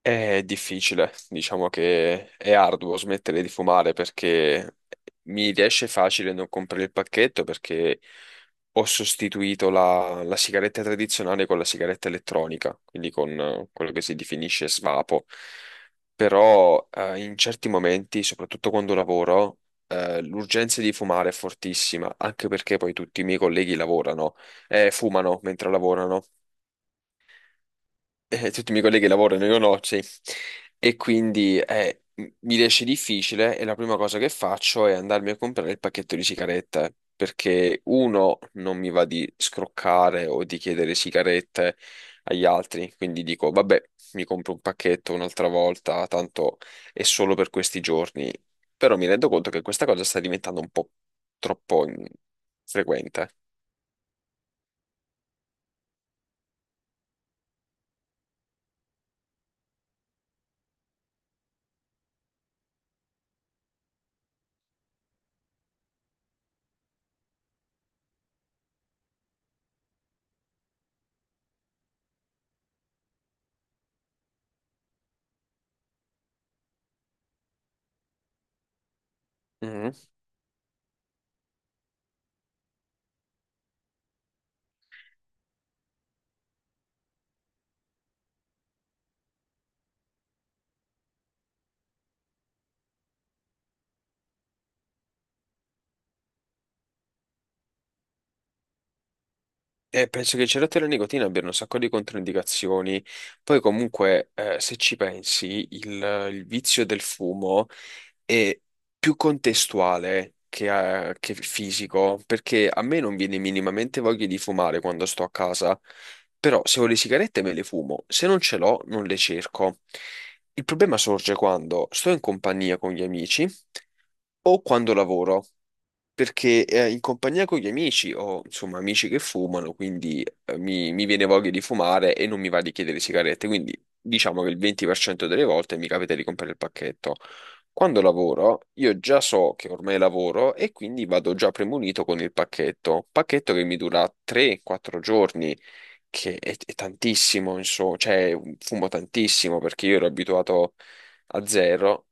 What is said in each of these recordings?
È difficile, diciamo che è arduo smettere di fumare perché mi riesce facile non comprare il pacchetto perché ho sostituito la sigaretta tradizionale con la sigaretta elettronica, quindi con quello che si definisce svapo. Però in certi momenti, soprattutto quando lavoro, l'urgenza di fumare è fortissima, anche perché poi tutti i miei colleghi lavorano, fumano mentre lavorano tutti i miei colleghi lavorano, io no, sì. E quindi mi riesce difficile e la prima cosa che faccio è andarmi a comprare il pacchetto di sigarette, perché uno non mi va di scroccare o di chiedere sigarette agli altri, quindi dico, vabbè, mi compro un pacchetto un'altra volta, tanto è solo per questi giorni. Però mi rendo conto che questa cosa sta diventando un po' troppo frequente. Penso che il cerotto e la nicotina abbiano un sacco di controindicazioni. Poi, comunque, se ci pensi, il vizio del fumo è più contestuale che fisico, perché a me non viene minimamente voglia di fumare quando sto a casa. Però, se ho le sigarette, me le fumo. Se non ce l'ho, non le cerco. Il problema sorge quando sto in compagnia con gli amici o quando lavoro perché in compagnia con gli amici ho insomma amici che fumano, quindi mi viene voglia di fumare e non mi va di chiedere sigarette, quindi diciamo che il 20% delle volte mi capita di comprare il pacchetto. Quando lavoro, io già so che ormai lavoro e quindi vado già premunito con il pacchetto, pacchetto che mi dura 3-4 giorni, che è tantissimo, insomma, cioè fumo tantissimo perché io ero abituato a zero.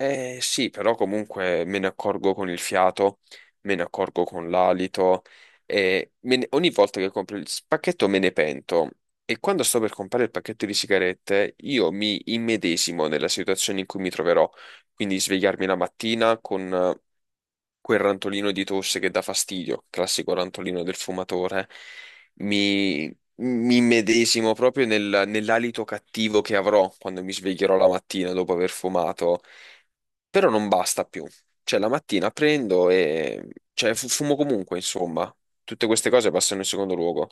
Eh sì, però comunque me ne accorgo con il fiato, me ne accorgo con l'alito e ogni volta che compro il pacchetto me ne pento. E quando sto per comprare il pacchetto di sigarette, io mi immedesimo nella situazione in cui mi troverò. Quindi svegliarmi la mattina con quel rantolino di tosse che dà fastidio, classico rantolino del fumatore. Mi, mi immedesimo proprio nell'alito cattivo che avrò quando mi sveglierò la mattina dopo aver fumato. Però non basta più. Cioè, la mattina prendo e... Cioè, fumo comunque, insomma. Tutte queste cose passano in secondo luogo.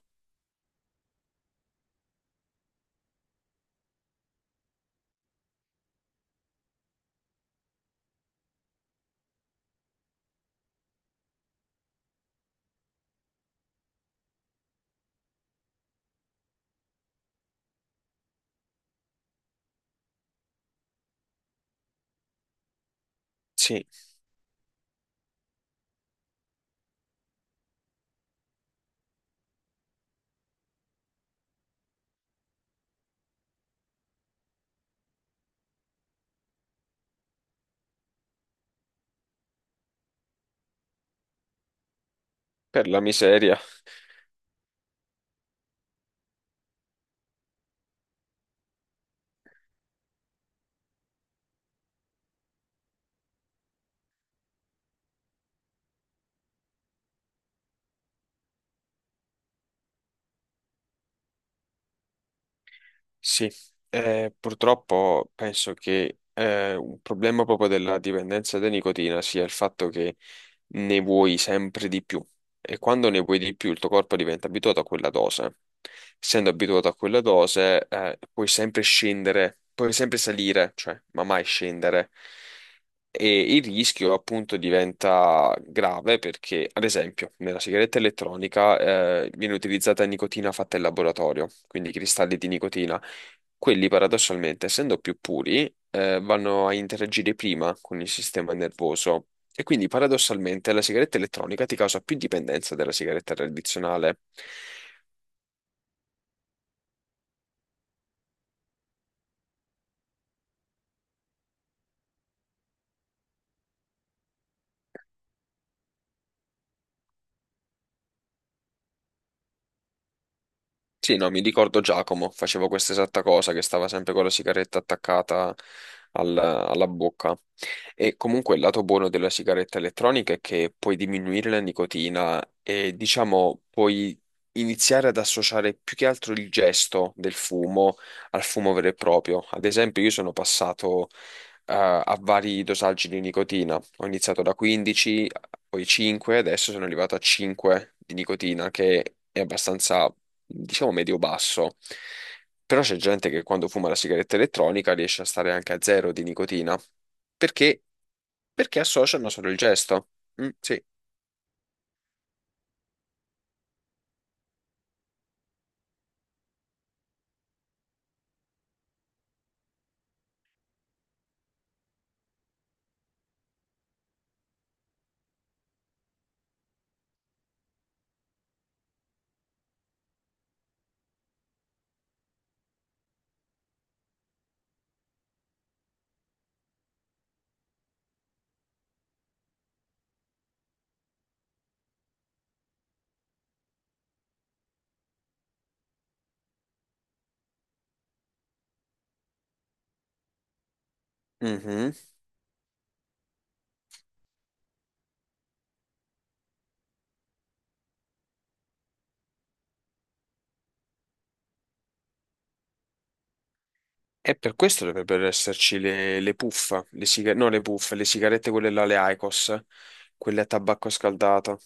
Sì, per la miseria. Sì, purtroppo penso che un problema proprio della dipendenza da nicotina sia il fatto che ne vuoi sempre di più e quando ne vuoi di più il tuo corpo diventa abituato a quella dose. Essendo abituato a quella dose, puoi sempre scendere, puoi sempre salire, cioè, ma mai scendere. E il rischio appunto diventa grave perché, ad esempio, nella sigaretta elettronica viene utilizzata nicotina fatta in laboratorio, quindi cristalli di nicotina quelli paradossalmente, essendo più puri, vanno a interagire prima con il sistema nervoso e quindi paradossalmente la sigaretta elettronica ti causa più dipendenza della sigaretta tradizionale. Sì, no, mi ricordo Giacomo, facevo questa esatta cosa, che stava sempre con la sigaretta attaccata alla bocca. E comunque il lato buono della sigaretta elettronica è che puoi diminuire la nicotina e diciamo puoi iniziare ad associare più che altro il gesto del fumo al fumo vero e proprio. Ad esempio, io sono passato a vari dosaggi di nicotina. Ho iniziato da 15, poi 5, adesso sono arrivato a 5 di nicotina, che è abbastanza diciamo medio-basso. Però c'è gente che quando fuma la sigaretta elettronica riesce a stare anche a zero di nicotina. Perché? Perché associano solo il gesto. Mm, sì. Mhm. E per questo dovrebbero esserci le puff, no le puff, le sigarette quelle là, le IQOS, quelle a tabacco scaldato.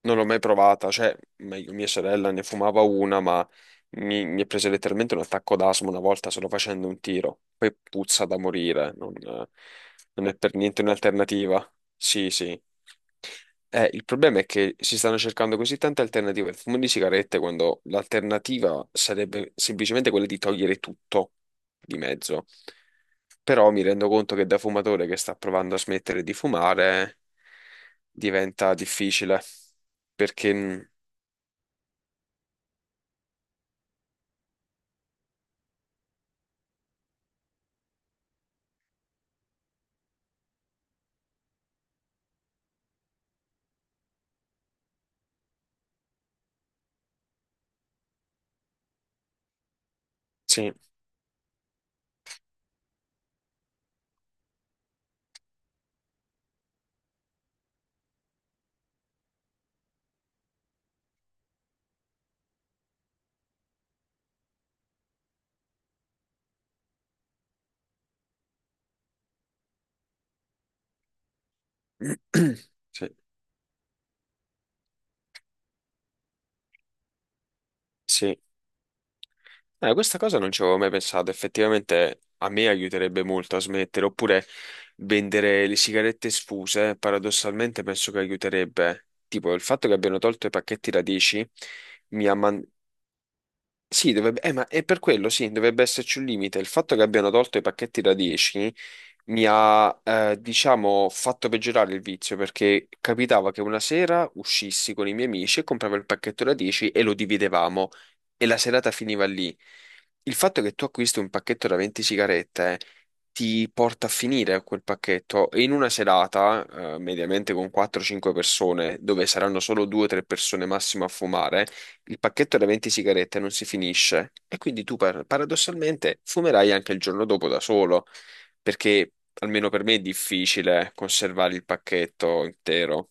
Non l'ho mai provata, cioè, meglio, mia sorella ne fumava una, ma mi è preso letteralmente un attacco d'asma una volta solo facendo un tiro. Poi puzza da morire, non, non è per niente un'alternativa. Sì, sì. Il problema è che si stanno cercando così tante alternative al fumo di sigarette quando l'alternativa sarebbe semplicemente quella di togliere tutto di mezzo. Però mi rendo conto che da fumatore che sta provando a smettere di fumare diventa difficile perché sì, sì, sì. Questa cosa non ci avevo mai pensato, effettivamente a me aiuterebbe molto a smettere, oppure vendere le sigarette sfuse, paradossalmente penso che aiuterebbe. Tipo, il fatto che abbiano tolto i pacchetti radici mi ha, sì, dovrebbe, ma è per quello, sì, dovrebbe esserci un limite. Il fatto che abbiano tolto i pacchetti da 10 mi ha, diciamo, fatto peggiorare il vizio perché capitava che una sera uscissi con i miei amici e compravo il pacchetto da 10 e lo dividevamo e la serata finiva lì. Il fatto che tu acquisti un pacchetto da 20 sigarette ti porta a finire quel pacchetto e in una serata, mediamente con 4-5 persone, dove saranno solo 2-3 persone massimo a fumare, il pacchetto da 20 sigarette non si finisce e quindi tu paradossalmente fumerai anche il giorno dopo da solo, perché almeno per me è difficile conservare il pacchetto intero.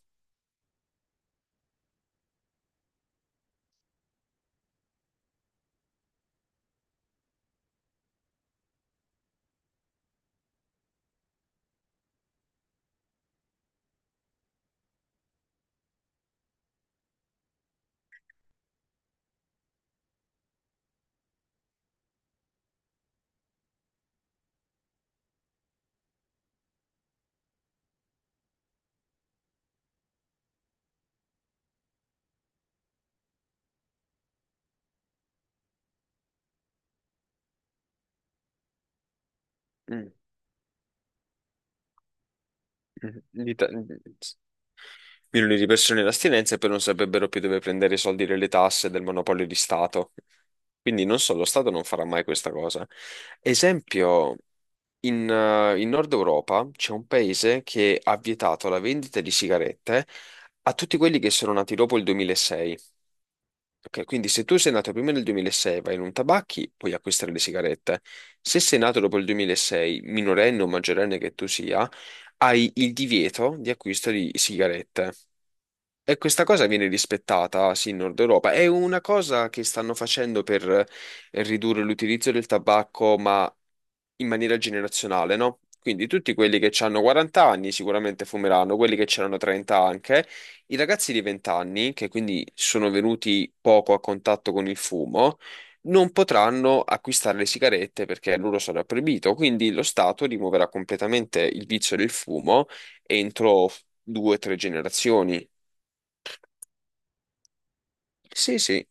Mm. Di ta- Milioni di persone in astinenza e poi non saprebbero più dove prendere i soldi delle tasse del monopolio di Stato. Quindi non so, lo Stato non farà mai questa cosa. Esempio. In Nord Europa c'è un paese che ha vietato la vendita di sigarette a tutti quelli che sono nati dopo il 2006. Ok, quindi se tu sei nato prima del 2006, vai in un tabacchi, puoi acquistare le sigarette. Se sei nato dopo il 2006, minorenne o maggiorenne che tu sia, hai il divieto di acquisto di sigarette. E questa cosa viene rispettata, sì, in Nord Europa. È una cosa che stanno facendo per ridurre l'utilizzo del tabacco, ma in maniera generazionale, no? Quindi tutti quelli che hanno 40 anni sicuramente fumeranno, quelli che c'erano 30 anche, i ragazzi di 20 anni, che quindi sono venuti poco a contatto con il fumo, non potranno acquistare le sigarette perché a loro sarà proibito, quindi lo Stato rimuoverà completamente il vizio del fumo entro due o tre generazioni. Sì, sì.